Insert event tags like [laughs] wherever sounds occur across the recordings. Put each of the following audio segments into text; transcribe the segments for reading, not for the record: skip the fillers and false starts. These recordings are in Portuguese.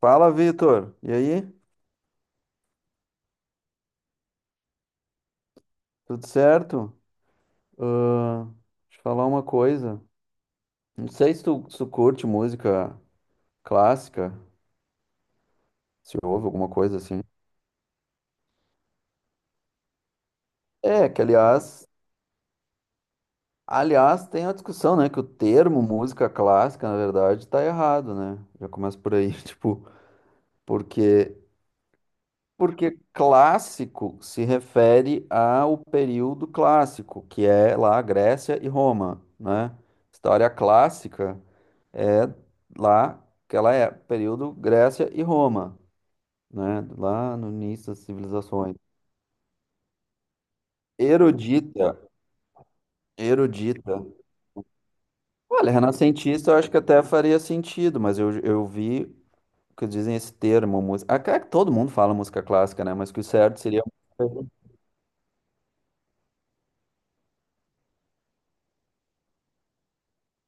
Fala, Vitor. E aí? Tudo certo? Ahn, deixa eu falar uma coisa. Não sei se tu curte música clássica, se ouve alguma coisa assim. É, que aliás, aliás, tem a discussão, né, que o termo música clássica, na verdade, tá errado, né? Já começa por aí, [laughs] tipo, porque porque clássico se refere ao período clássico, que é lá a Grécia e Roma, né? História clássica é lá, aquela é período Grécia e Roma, né? Lá no início das civilizações. Erudita, erudita. Olha, renascentista eu acho que até faria sentido, mas eu vi que dizem esse termo, música. Ah, cara que todo mundo fala música clássica, né? Mas que o certo seria.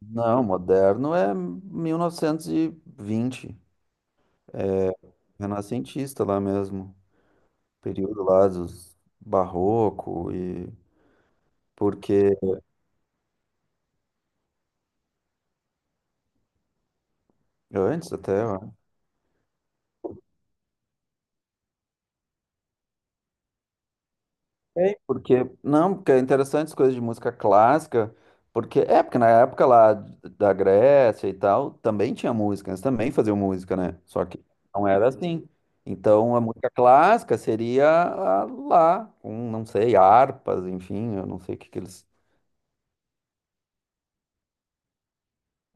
Não, moderno é 1920, renascentista lá mesmo. Período lá dos barroco e. Porque antes até, ó. Sei, porque, não, porque é interessante as coisas de música clássica, porque é, porque na época lá da Grécia e tal, também tinha música, eles também faziam música, né? Só que não era assim. Então a música clássica seria a lá, com, não sei, harpas, enfim, eu não sei o que que eles.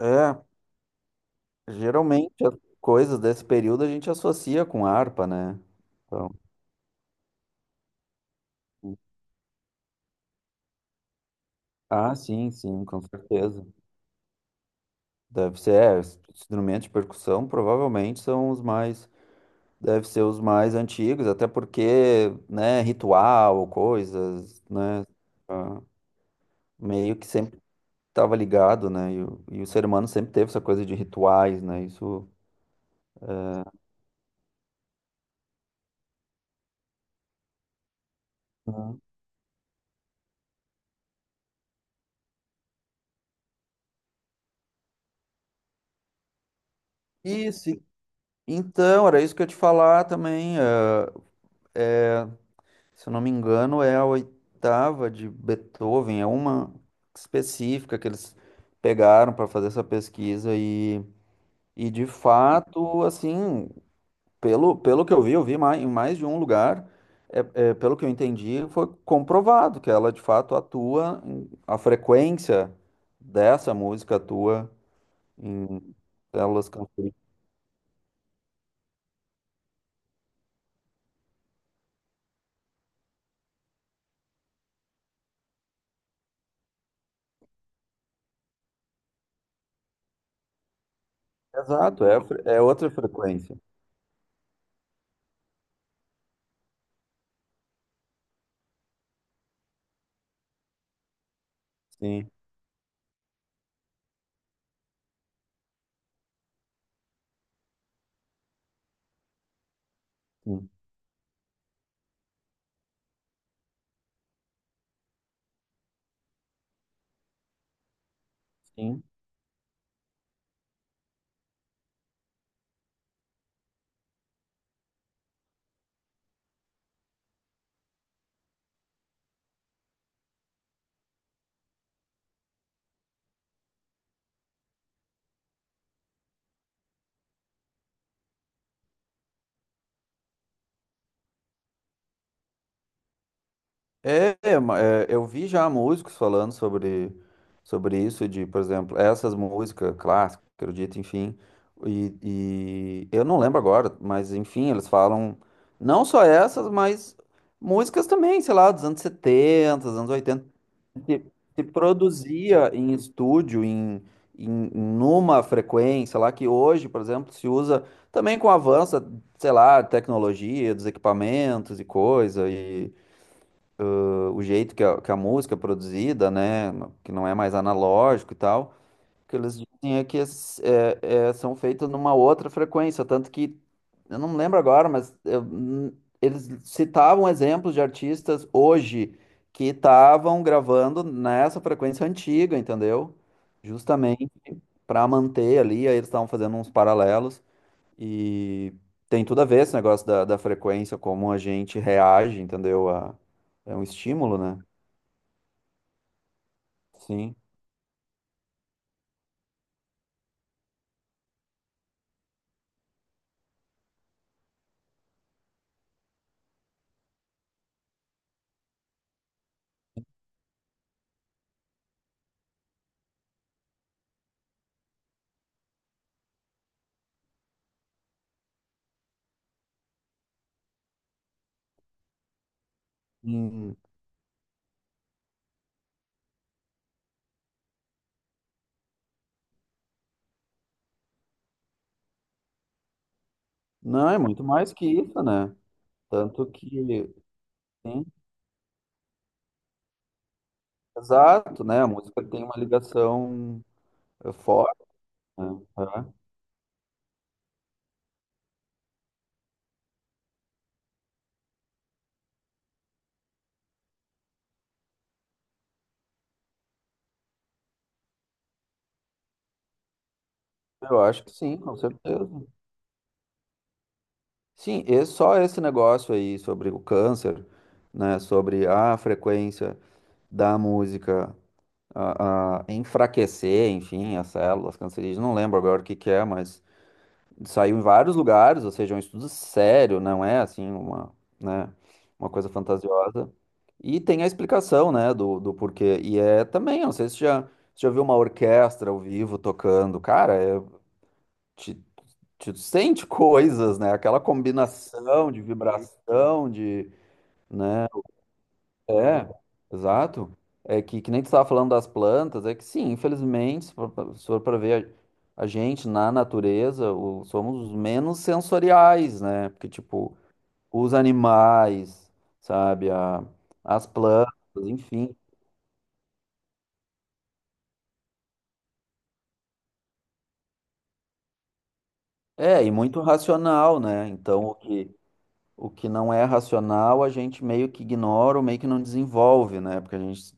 É, geralmente as coisas desse período a gente associa com harpa, né? Então, ah, sim, sim, com certeza. Deve ser, é, os instrumentos de percussão provavelmente são os mais. Deve ser os mais antigos, até porque, né, ritual, coisas, né, ah, meio que sempre estava ligado, né, e o ser humano sempre teve essa coisa de rituais, né, isso... Uhum. Isso, então, era isso que eu ia te falar também, é, se eu não me engano, é a oitava de Beethoven, é uma específica que eles pegaram para fazer essa pesquisa e de fato, assim... Pelo que eu vi mais, em mais de um lugar, é, é, pelo que eu entendi, foi comprovado que ela de fato atua, a frequência dessa música atua em células cancerígenas. Exato, é, é outra frequência. Sim, sim, sim. É, é, é, eu vi já músicos falando sobre, sobre isso, de, por exemplo, essas músicas clássicas, erudita, enfim, e eu não lembro agora, mas enfim, eles falam não só essas, mas músicas também, sei lá, dos anos 70 dos anos 80 que se produzia em estúdio, em, em numa frequência lá que hoje, por exemplo, se usa também com o avanço, sei lá, tecnologia, dos equipamentos e coisa, e o jeito que que a música é produzida, né, que não é mais analógico e tal, o que eles dizem é que são feitas numa outra frequência, tanto que, eu não lembro agora, mas eles citavam exemplos de artistas hoje que estavam gravando nessa frequência antiga, entendeu? Justamente para manter ali, aí eles estavam fazendo uns paralelos e tem tudo a ver esse negócio da frequência, como a gente reage, entendeu? A, é um estímulo, né? Sim. Hum, não, é muito mais que isso, né? Tanto que, sim, exato, né? A música tem uma ligação forte, né? Aham. Eu acho que sim, com certeza. Sim, e só esse negócio aí sobre o câncer, né? Sobre a frequência da música a enfraquecer, enfim, as células cancerígenas. Não lembro agora o que que é, mas saiu em vários lugares, ou seja, é um estudo sério, não é assim uma, né, uma coisa fantasiosa. E tem a explicação, né, do porquê. E é também, eu não sei se já viu uma orquestra ao vivo tocando. Cara, é, te, te sente coisas, né? Aquela combinação de vibração, de, né? É, exato. É que nem tu estava falando das plantas, é que sim, infelizmente, se for pra ver a gente na natureza, somos os menos sensoriais, né? Porque, tipo, os animais, sabe, as plantas, enfim. É, e muito racional, né? Então, o que não é racional, a gente meio que ignora ou meio que não desenvolve, né? Porque a gente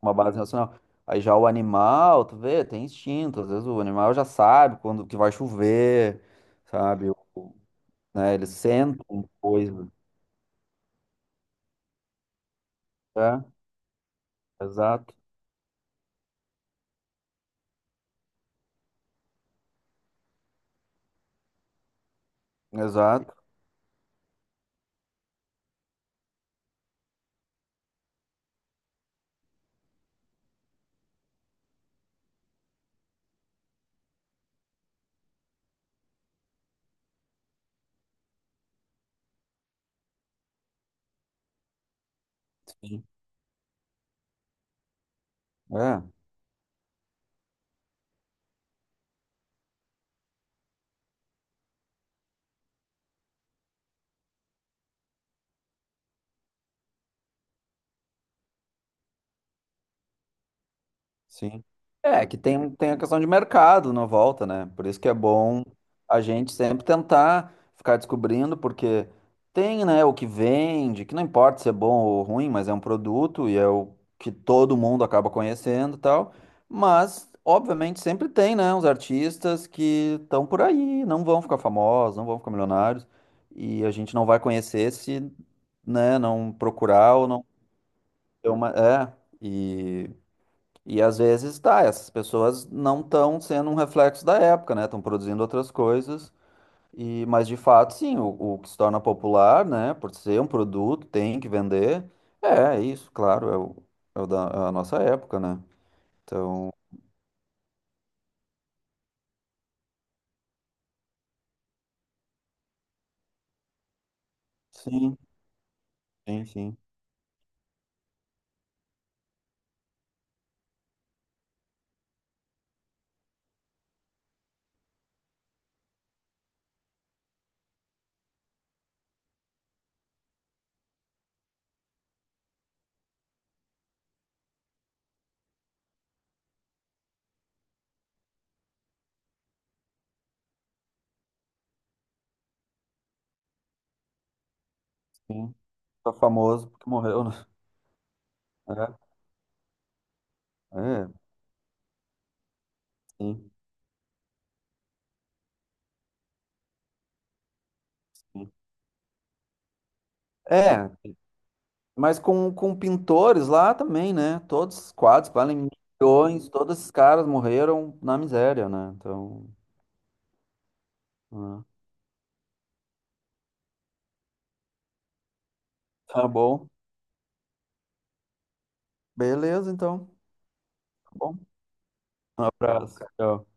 uma base racional. Aí já o animal, tu vê, tem instinto. Às vezes o animal já sabe quando que vai chover, sabe? O- né? Eles sentem coisa. É, exato, exato. Sim. É. Sim. É, que tem, tem a questão de mercado na volta, né? Por isso que é bom a gente sempre tentar ficar descobrindo, porque tem, né, o que vende, que não importa se é bom ou ruim, mas é um produto e é o que todo mundo acaba conhecendo e tal. Mas, obviamente, sempre tem, né, uns artistas que estão por aí, não vão ficar famosos, não vão ficar milionários, e a gente não vai conhecer se, né, não procurar ou não ter uma. É, e às vezes tá, essas pessoas não estão sendo um reflexo da época, né? Estão produzindo outras coisas. E, mas de fato, sim, o que se torna popular, né? Por ser um produto, tem que vender. É, é isso, claro, é o, é o da é a nossa época, né? Então, sim, sim, sim, sim. Tá famoso porque morreu, né? [laughs] É, é, sim, sim. É, mas com pintores lá também, né? Todos os quadros que valem milhões, todos esses caras morreram na miséria, né? Então. Ah, tá bom. Beleza, então. Tá bom. Um abraço. Tchau.